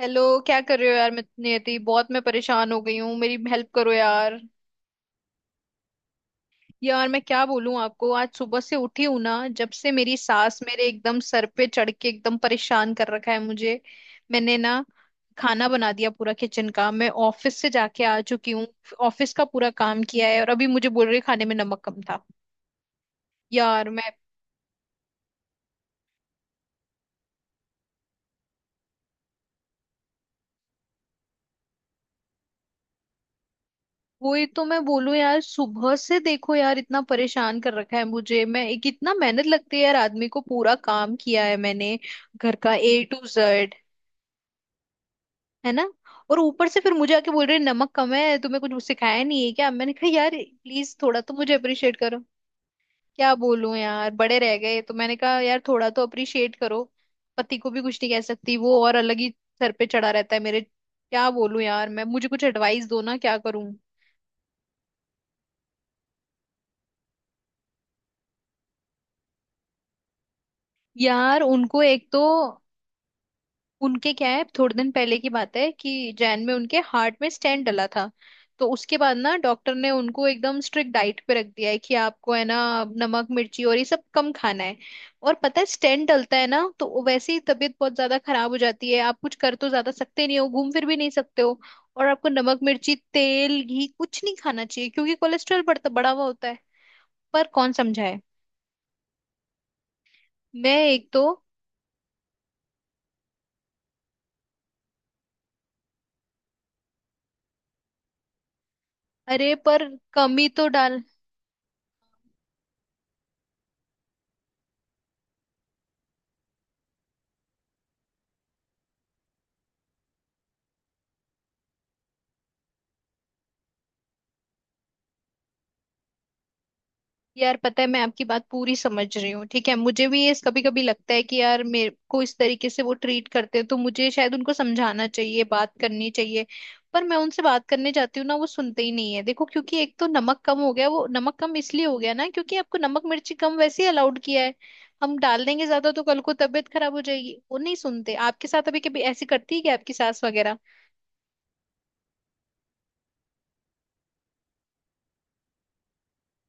Hello. क्या कर रहे हो यार? मैं नियति, बहुत मैं परेशान हो गई हूँ, मेरी हेल्प करो यार। यार मैं क्या बोलूं आपको, आज सुबह से उठी हूं ना, जब से मेरी सास मेरे एकदम सर पे चढ़ के एकदम परेशान कर रखा है मुझे। मैंने ना खाना बना दिया, पूरा किचन का, मैं ऑफिस से जाके आ चुकी हूँ। ऑफिस का पूरा काम किया है और अभी मुझे बोल रही है खाने में नमक कम था। यार मैं वही तो मैं बोलूं यार, सुबह से देखो यार, इतना परेशान कर रखा है मुझे। मैं एक इतना मेहनत लगती है यार आदमी को, पूरा काम किया है मैंने, घर का ए टू जेड। है ना? और ऊपर से फिर मुझे आके बोल रहे हैं, नमक कम है, तुम्हें कुछ सिखाया नहीं है क्या? मैंने कहा यार प्लीज थोड़ा तो मुझे अप्रिशिएट करो। क्या बोलूं यार, बड़े रह गए, तो मैंने कहा यार थोड़ा तो अप्रिशिएट करो। पति को भी कुछ नहीं कह सकती, वो और अलग ही सर पे चढ़ा रहता है मेरे। क्या बोलूं यार, मैं मुझे कुछ एडवाइस दो ना, क्या करूं? यार उनको एक तो उनके क्या है, थोड़े दिन पहले की बात है कि जैन में उनके हार्ट में स्टेंट डला था। तो उसके बाद ना डॉक्टर ने उनको एकदम स्ट्रिक्ट डाइट पे रख दिया है कि आपको है ना नमक मिर्ची और ये सब कम खाना है। और पता है स्टेंट डलता है ना तो वो वैसे ही तबीयत बहुत ज्यादा खराब हो जाती है, आप कुछ कर तो ज्यादा सकते नहीं हो, घूम फिर भी नहीं सकते हो। और आपको नमक मिर्ची तेल घी कुछ नहीं खाना चाहिए क्योंकि कोलेस्ट्रॉल बढ़ता बढ़ा हुआ होता है। पर कौन समझाए? मैं एक तो अरे पर कमी तो डाल यार पता है मैं आपकी बात पूरी समझ रही हूँ, ठीक है, मुझे भी ये कभी कभी लगता है कि यार मेरे को इस तरीके से वो ट्रीट करते हैं, तो मुझे शायद उनको समझाना चाहिए, बात करनी चाहिए। पर मैं उनसे बात करने जाती हूँ ना, वो सुनते ही नहीं है देखो, क्योंकि एक तो नमक कम हो गया, वो नमक कम इसलिए हो गया ना क्योंकि आपको नमक मिर्ची कम वैसे ही अलाउड किया है। हम डाल देंगे ज्यादा तो कल को तबीयत खराब हो जाएगी, वो नहीं सुनते। आपके साथ अभी कभी ऐसी करती है क्या आपकी सास वगैरह?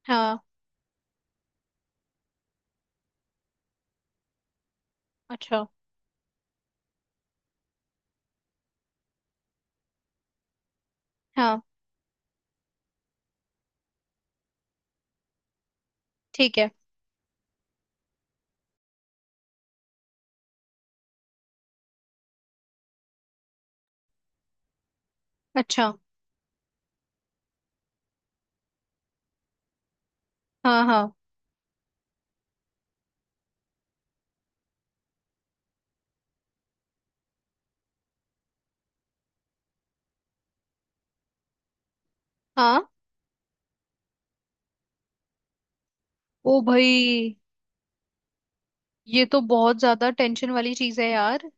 हाँ। अच्छा। हाँ। ठीक है। अच्छा। हाँ, हाँ, हाँ। ओ भाई! ये तो बहुत ज्यादा टेंशन वाली चीज है यार।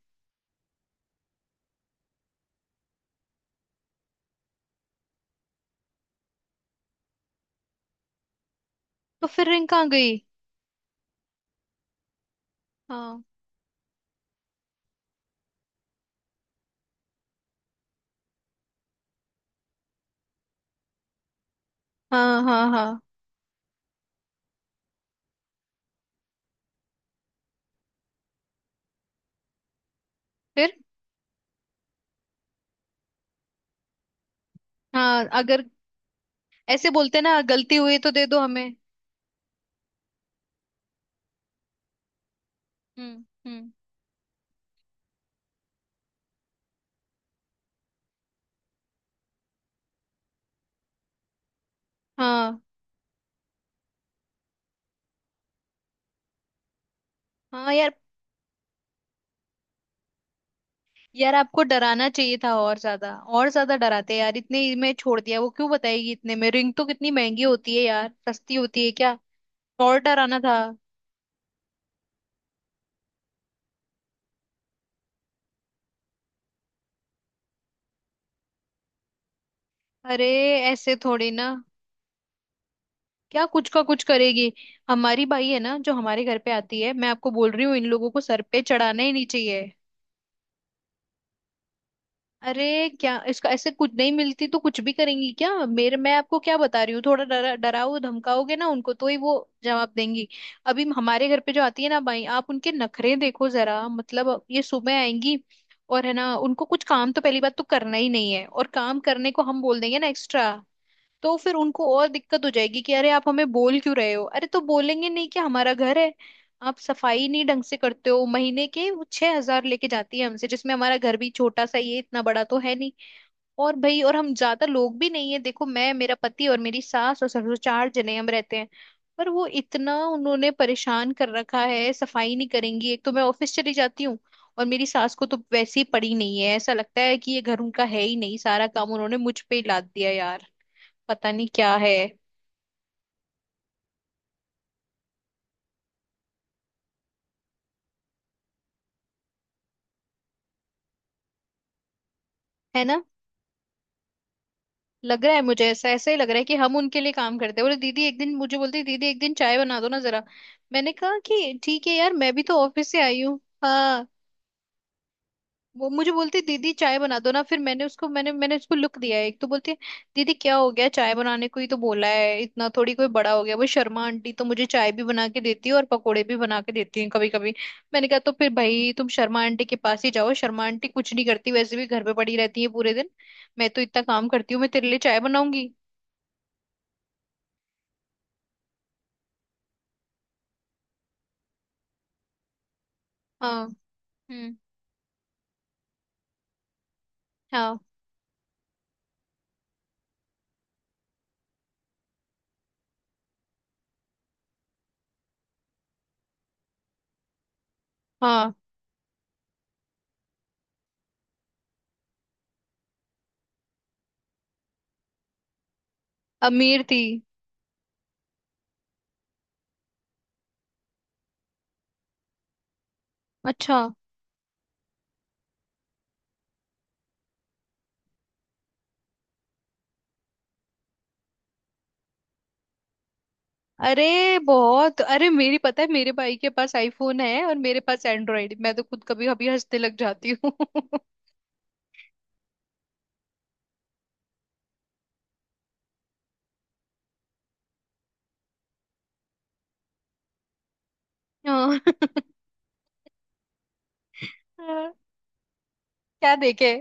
तो फिर रिंग कहाँ गई? हाँ, हाँ, हाँ, हाँ। फिर? हाँ, अगर ऐसे बोलते ना, गलती हुई तो दे दो हमें। हम्म। हम्म। हाँ। हाँ यार। यार आपको डराना चाहिए था और ज्यादा, और ज्यादा डराते यार, इतने ही में छोड़ दिया? वो क्यों बताएगी इतने में? रिंग तो कितनी महंगी होती है यार, सस्ती होती है क्या? और डराना था। अरे ऐसे थोड़ी ना! क्या कुछ का कुछ करेगी? हमारी भाई है ना जो हमारे घर पे आती है, मैं आपको बोल रही हूँ, इन लोगों को सर पे चढ़ाना ही नहीं चाहिए। अरे क्या इसका ऐसे, कुछ नहीं मिलती तो कुछ भी करेंगी क्या? मेरे, मैं आपको क्या बता रही हूँ, थोड़ा डरा डराओ, धमकाओगे ना उनको तो ही वो जवाब देंगी। अभी हमारे घर पे जो आती है ना भाई, आप उनके नखरे देखो जरा, मतलब ये सुबह आएंगी, और है ना उनको कुछ काम तो पहली बात तो करना ही नहीं है, और काम करने को हम बोल देंगे ना एक्स्ट्रा, तो फिर उनको और दिक्कत हो जाएगी कि अरे आप हमें बोल क्यों रहे हो। अरे तो बोलेंगे नहीं कि हमारा घर है, आप सफाई नहीं ढंग से करते हो? महीने के वो 6 हज़ार लेके जाती है हमसे, जिसमें हमारा घर भी छोटा सा ये, इतना बड़ा तो है नहीं, और भाई और हम ज्यादा लोग भी नहीं है देखो, मैं, मेरा पति और मेरी सास और ससुर, 4 जने हम रहते हैं। पर वो इतना उन्होंने परेशान कर रखा है, सफाई नहीं करेंगी, एक तो मैं ऑफिस चली जाती हूँ और मेरी सास को तो वैसे ही पड़ी नहीं है, ऐसा लगता है कि ये घर उनका है ही नहीं, सारा काम उन्होंने मुझ पे ही लाद दिया यार, पता नहीं क्या है। है ना? लग रहा है मुझे ऐसा, ऐसा ही लग रहा है कि हम उनके लिए काम करते हैं। बोले दीदी, एक दिन मुझे बोलती दीदी एक दिन चाय बना दो ना जरा। मैंने कहा कि ठीक है यार मैं भी तो ऑफिस से आई हूँ। हाँ। वो मुझे बोलती दीदी चाय बना दो ना, फिर मैंने उसको, मैंने मैंने उसको लुक दिया है, एक तो बोलती है दीदी क्या हो गया चाय बनाने को ही तो बोला है, इतना थोड़ी कोई बड़ा हो गया, वो शर्मा आंटी तो मुझे चाय भी बना के देती है और पकोड़े भी बना के देती हैं कभी कभी। मैंने कहा तो फिर भाई तुम शर्मा आंटी के पास ही जाओ, शर्मा आंटी कुछ नहीं करती वैसे भी, घर पे पड़ी रहती है पूरे दिन, मैं तो इतना काम करती हूँ, मैं तेरे लिए चाय बनाऊंगी? हाँ। हम्म। हाँ। हाँ। अमीर थी। अच्छा। अरे बहुत। अरे मेरी, पता है मेरे भाई के पास आईफोन है और मेरे पास एंड्रॉइड, मैं तो खुद कभी कभी हंसने लग जाती हूँ। हाँ। हाँ, क्या देखे?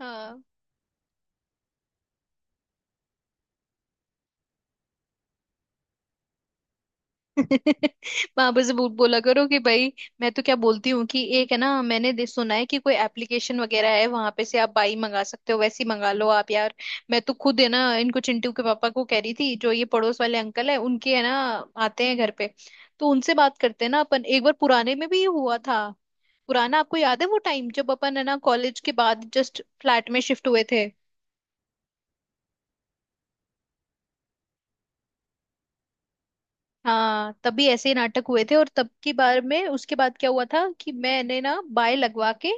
हाँ। वहां से बोला करो कि भाई। मैं तो क्या बोलती हूँ कि एक है ना, मैंने सुना है कि कोई एप्लीकेशन वगैरह है, वहां पे से आप बाई मंगा सकते हो, वैसी मंगा लो आप यार। मैं तो खुद है ना इनको, चिंटू के पापा को कह रही थी, जो ये पड़ोस वाले अंकल है उनके है ना आते हैं घर पे, तो उनसे बात करते हैं ना अपन, एक बार पुराने में भी ये हुआ था। पुराना आपको याद है वो टाइम जब अपन है ना कॉलेज के बाद जस्ट फ्लैट में शिफ्ट हुए थे। हाँ तभी ऐसे ही नाटक हुए थे, और तब की बार में उसके बाद क्या हुआ था कि मैंने ना बाय लगवा के,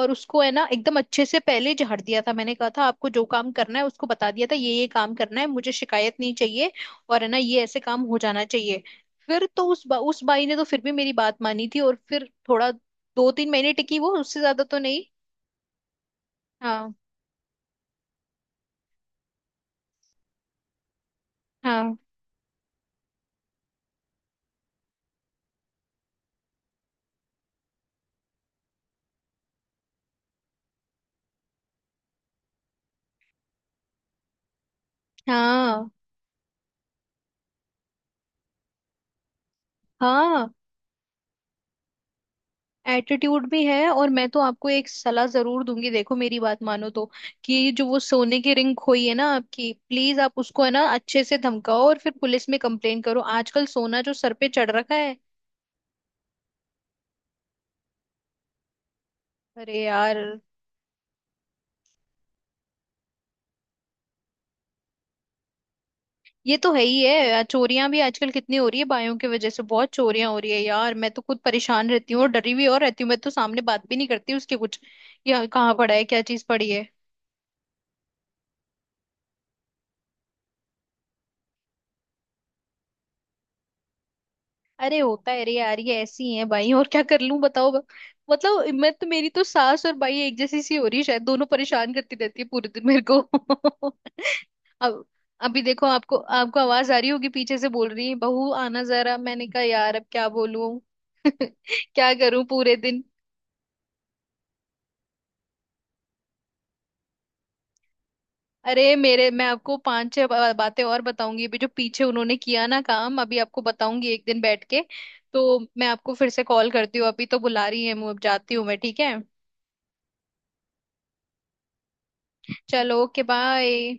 और उसको है ना एकदम अच्छे से पहले झाड़ दिया था, मैंने कहा था आपको जो काम करना है उसको बता दिया था, ये काम करना है, मुझे शिकायत नहीं चाहिए, और है ना ये ऐसे काम हो जाना चाहिए। फिर तो उस बाई ने तो फिर भी मेरी बात मानी थी, और फिर थोड़ा 2 3 महीने टिकी, वो उससे ज्यादा तो नहीं। हाँ, हाँ, हाँ, हाँ। एटीट्यूड भी है। और मैं तो आपको एक सलाह जरूर दूंगी, देखो मेरी बात मानो तो, कि जो वो सोने की रिंग खोई है ना आपकी, प्लीज आप उसको है ना अच्छे से धमकाओ और फिर पुलिस में कंप्लेन करो, आजकल सोना जो सर पे चढ़ रखा है। अरे यार। ये तो है ही है, चोरियां भी आजकल कितनी हो रही है बायों की वजह से, बहुत चोरियां हो रही है यार, मैं तो खुद परेशान रहती हूँ और डरी भी और रहती हूँ, मैं तो सामने बात भी नहीं करती उसके कुछ या कहाँ पड़ा है क्या चीज पड़ी है। अरे होता है रे यार, ये ऐसी हैं भाई, और क्या कर लूं बताओ? मतलब मैं तो, मेरी तो सास और भाई एक जैसी सी हो रही है शायद, दोनों परेशान करती रहती है पूरे दिन मेरे को। अब, अभी देखो आपको आपको आवाज आ रही होगी पीछे से, बोल रही है बहू आना जरा, मैंने कहा यार अब क्या बोलूं? क्या करूं पूरे दिन? अरे मेरे, मैं आपको 5 6 बातें और बताऊंगी, अभी जो पीछे उन्होंने किया ना काम अभी आपको बताऊंगी एक दिन बैठ के। तो मैं आपको फिर से कॉल करती हूँ, अभी तो बुला रही है, मैं अब जाती हूँ मैं, ठीक है? चलो, ओके, बाय।